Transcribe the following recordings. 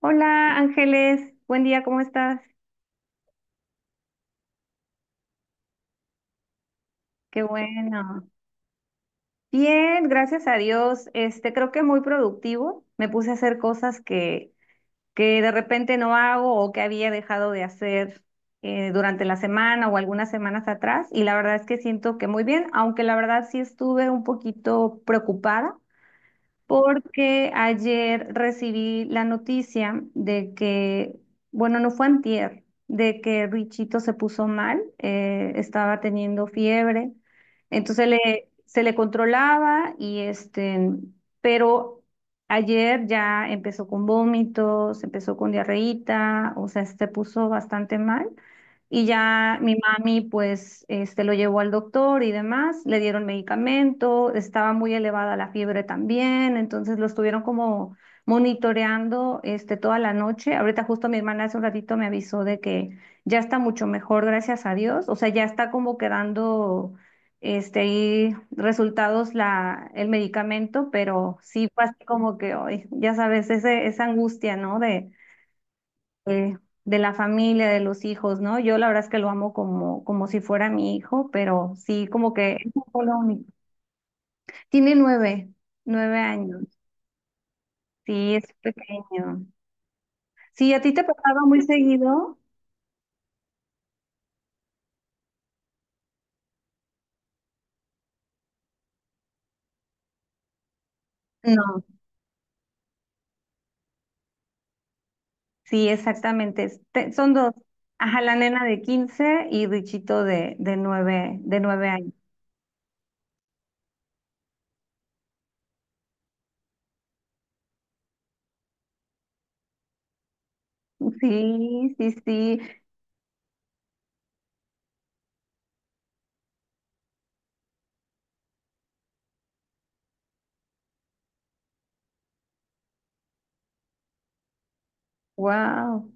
Hola Ángeles, buen día, ¿cómo estás? Qué bueno. Bien, gracias a Dios. Creo que muy productivo. Me puse a hacer cosas que de repente no hago o que había dejado de hacer durante la semana o algunas semanas atrás. Y la verdad es que siento que muy bien, aunque la verdad sí estuve un poquito preocupada porque ayer recibí la noticia de que, bueno, no fue antier, de que Richito se puso mal, estaba teniendo fiebre, entonces se le controlaba y pero ayer ya empezó con vómitos, empezó con diarreíta, o sea, se puso bastante mal. Y ya mi mami, pues, lo llevó al doctor y demás, le dieron medicamento, estaba muy elevada la fiebre también, entonces lo estuvieron como monitoreando, toda la noche. Ahorita justo mi hermana hace un ratito me avisó de que ya está mucho mejor, gracias a Dios. O sea, ya está como quedando, ahí resultados el medicamento, pero sí fue así como que hoy, ya sabes, ese, esa angustia, ¿no? Eh, de la familia, de los hijos, ¿no? Yo la verdad es que lo amo como, como si fuera mi hijo, pero sí, como que eso fue lo único. Tiene nueve, 9 años. Sí, es pequeño. Sí, ¿a ti te pasaba muy seguido? No, sí, exactamente. Son dos. Ajá, la nena de 15 y Richito de nueve, de 9 años. Sí, sí, sí. Wow.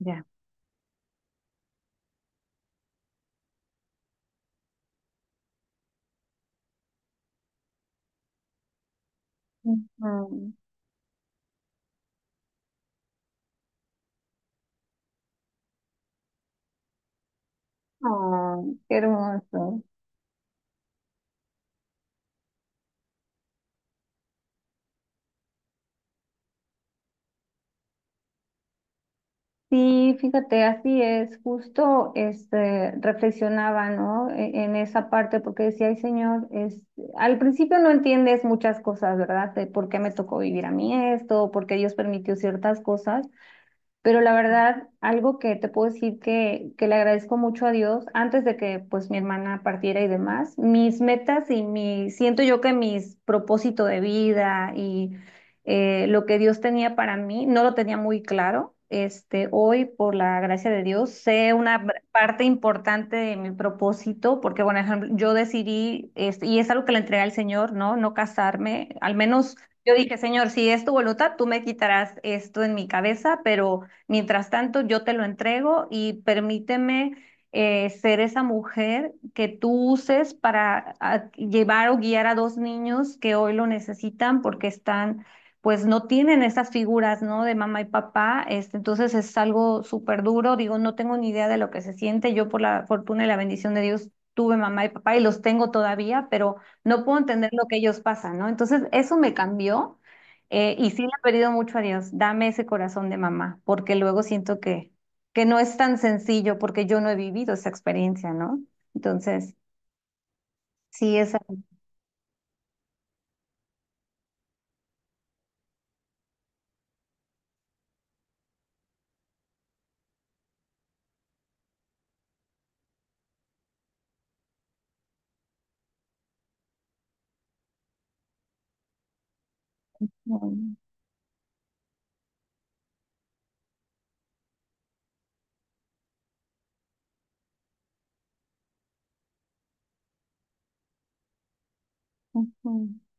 Ya. Ujú. Oh, qué hermoso. Sí, fíjate, así es, justo reflexionaba, ¿no? En esa parte, porque decía, ay, señor, al principio no entiendes muchas cosas, ¿verdad? De por qué me tocó vivir a mí esto, por qué Dios permitió ciertas cosas. Pero la verdad, algo que te puedo decir que le agradezco mucho a Dios, antes de que pues mi hermana partiera y demás, mis metas y siento yo que mis propósito de vida y lo que Dios tenía para mí, no lo tenía muy claro. Hoy, por la gracia de Dios, sé una parte importante de mi propósito, porque, bueno, ejemplo, yo decidí, y es algo que le entregué al Señor, ¿no? No casarme, al menos yo dije, Señor, si es tu voluntad, tú me quitarás esto en mi cabeza, pero mientras tanto, yo te lo entrego y permíteme ser esa mujer que tú uses para llevar o guiar a dos niños que hoy lo necesitan porque están, pues no tienen esas figuras, ¿no? De mamá y papá. Entonces es algo súper duro. Digo, no tengo ni idea de lo que se siente. Yo por la fortuna y la bendición de Dios tuve mamá y papá y los tengo todavía, pero no puedo entender lo que ellos pasan, ¿no? Entonces eso me cambió. Y sí le he pedido mucho a Dios, dame ese corazón de mamá, porque luego siento que no es tan sencillo porque yo no he vivido esa experiencia, ¿no? Entonces, sí es algo.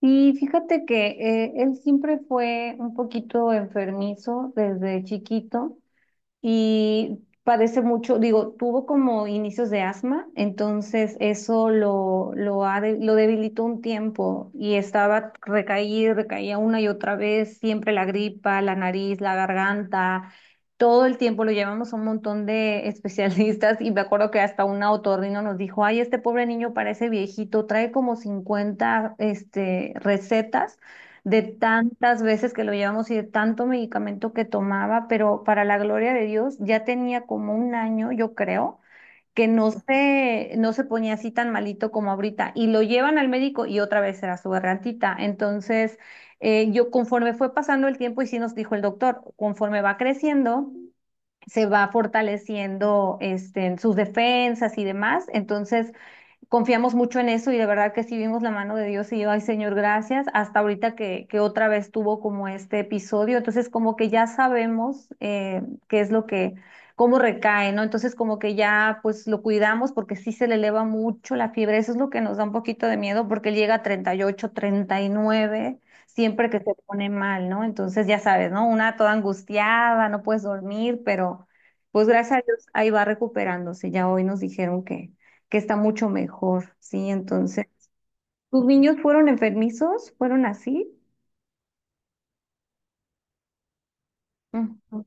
Y fíjate que él siempre fue un poquito enfermizo desde chiquito. Y padece mucho, digo, tuvo como inicios de asma, entonces eso lo debilitó un tiempo y estaba recaía una y otra vez, siempre la gripa, la nariz, la garganta. Todo el tiempo lo llevamos a un montón de especialistas y me acuerdo que hasta un otorrino nos dijo, ay, este pobre niño parece viejito, trae como 50 recetas de tantas veces que lo llevamos y de tanto medicamento que tomaba, pero para la gloria de Dios ya tenía como un año, yo creo, que no se ponía así tan malito como ahorita. Y lo llevan al médico y otra vez era su gargantita. Entonces, yo conforme fue pasando el tiempo y sí nos dijo el doctor, conforme va creciendo se va fortaleciendo en sus defensas y demás. Entonces, confiamos mucho en eso y de verdad que sí vimos la mano de Dios y yo, ay Señor, gracias, hasta ahorita que otra vez tuvo como este episodio, entonces como que ya sabemos qué es lo que, cómo recae, ¿no? Entonces como que ya pues lo cuidamos porque sí se le eleva mucho la fiebre, eso es lo que nos da un poquito de miedo porque él llega a 38 39 siempre que se pone mal, ¿no? Entonces ya sabes, ¿no? Una toda angustiada, no puedes dormir, pero pues gracias a Dios ahí va recuperándose. Ya hoy nos dijeron que está mucho mejor, ¿sí? Entonces, ¿tus niños fueron enfermizos? ¿Fueron así? Ujú,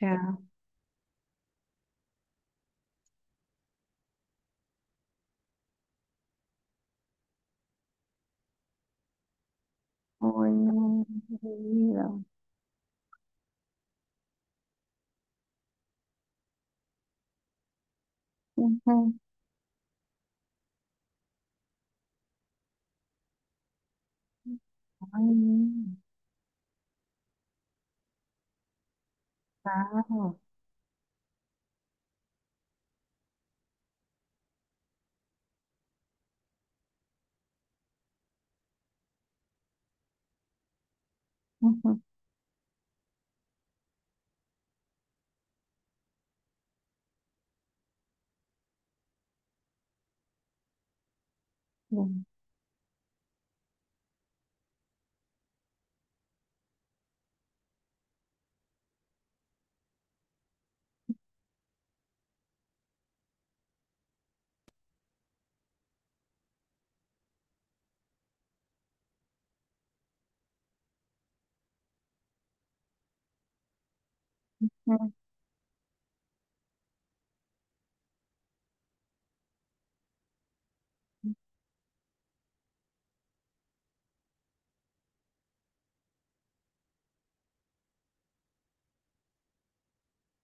ya. Ay, no, mi vida. Ujú. Ay, no, claro. Ujú, ujú,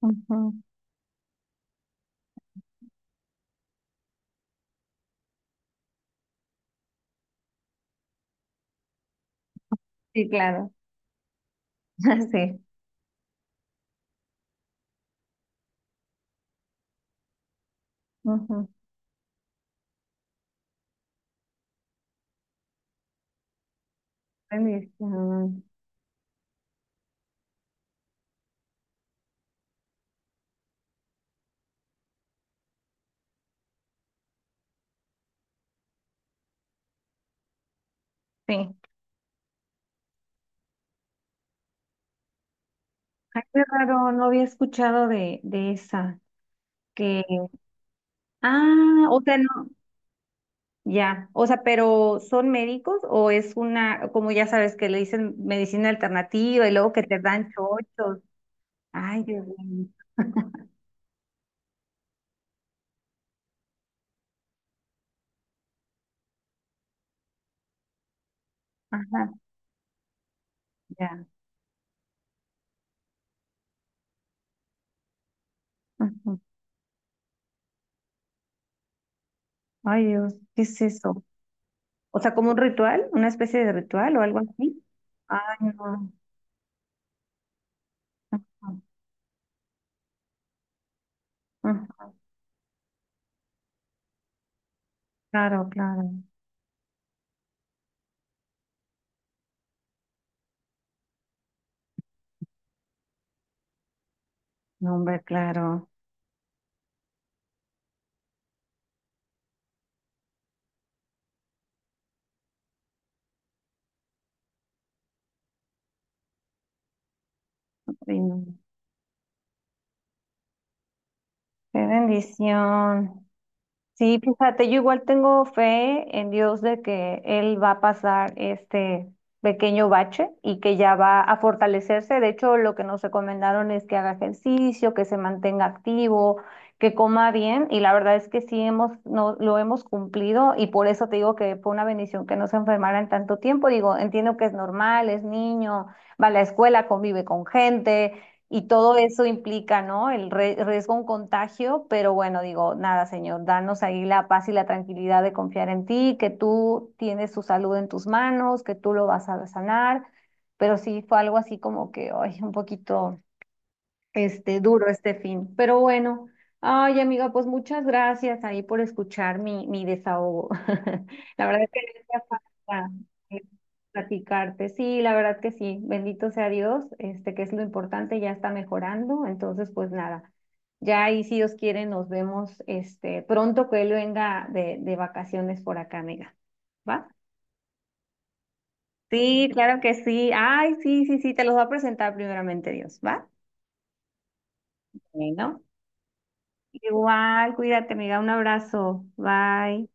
ujú. Sí, claro. Sí. Ujú. Ay, sí. Ay, qué raro, no había escuchado de esa. Que, ah, o sea, no. Ya, o sea, pero ¿son médicos o es una, como ya sabes, que le dicen medicina alternativa y luego que te dan chochos? Ay, Dios mío. Ajá, ya. Ujú. Ay, Dios, ¿qué es eso? O sea, como un ritual, una especie de ritual o algo así. Ay, no. Ujú, ujú. Claro, claro. No, hombre, claro. Ay, no. Qué bendición. Sí, fíjate, yo igual tengo fe en Dios de que Él va a pasar este pequeño bache y que ya va a fortalecerse. De hecho, lo que nos recomendaron es que haga ejercicio, que se mantenga activo, que coma bien. Y la verdad es que sí hemos, no, lo hemos cumplido y por eso te digo que fue una bendición que no se enfermara en tanto tiempo. Digo, entiendo que es normal, es niño, va a la escuela, convive con gente. Y todo eso implica, ¿no? El riesgo a un contagio, pero bueno, digo, nada, Señor, danos ahí la paz y la tranquilidad de confiar en ti, que tú tienes su salud en tus manos, que tú lo vas a sanar, pero sí fue algo así como que, ay, un poquito duro este fin. Pero bueno, ay amiga, pues muchas gracias ahí por escuchar mi desahogo. La verdad es que me hacía falta eh, platicarte. Sí, la verdad que sí. Bendito sea Dios, este, que es lo importante, ya está mejorando. Entonces, pues nada, ya ahí si Dios quiere nos vemos pronto que él venga de vacaciones por acá, amiga. ¿Va? Sí, claro que sí. Ay, sí, sí, sí, te los voy a presentar primeramente Dios, ¿va? Bueno. Igual, cuídate, amiga. Un abrazo. Bye.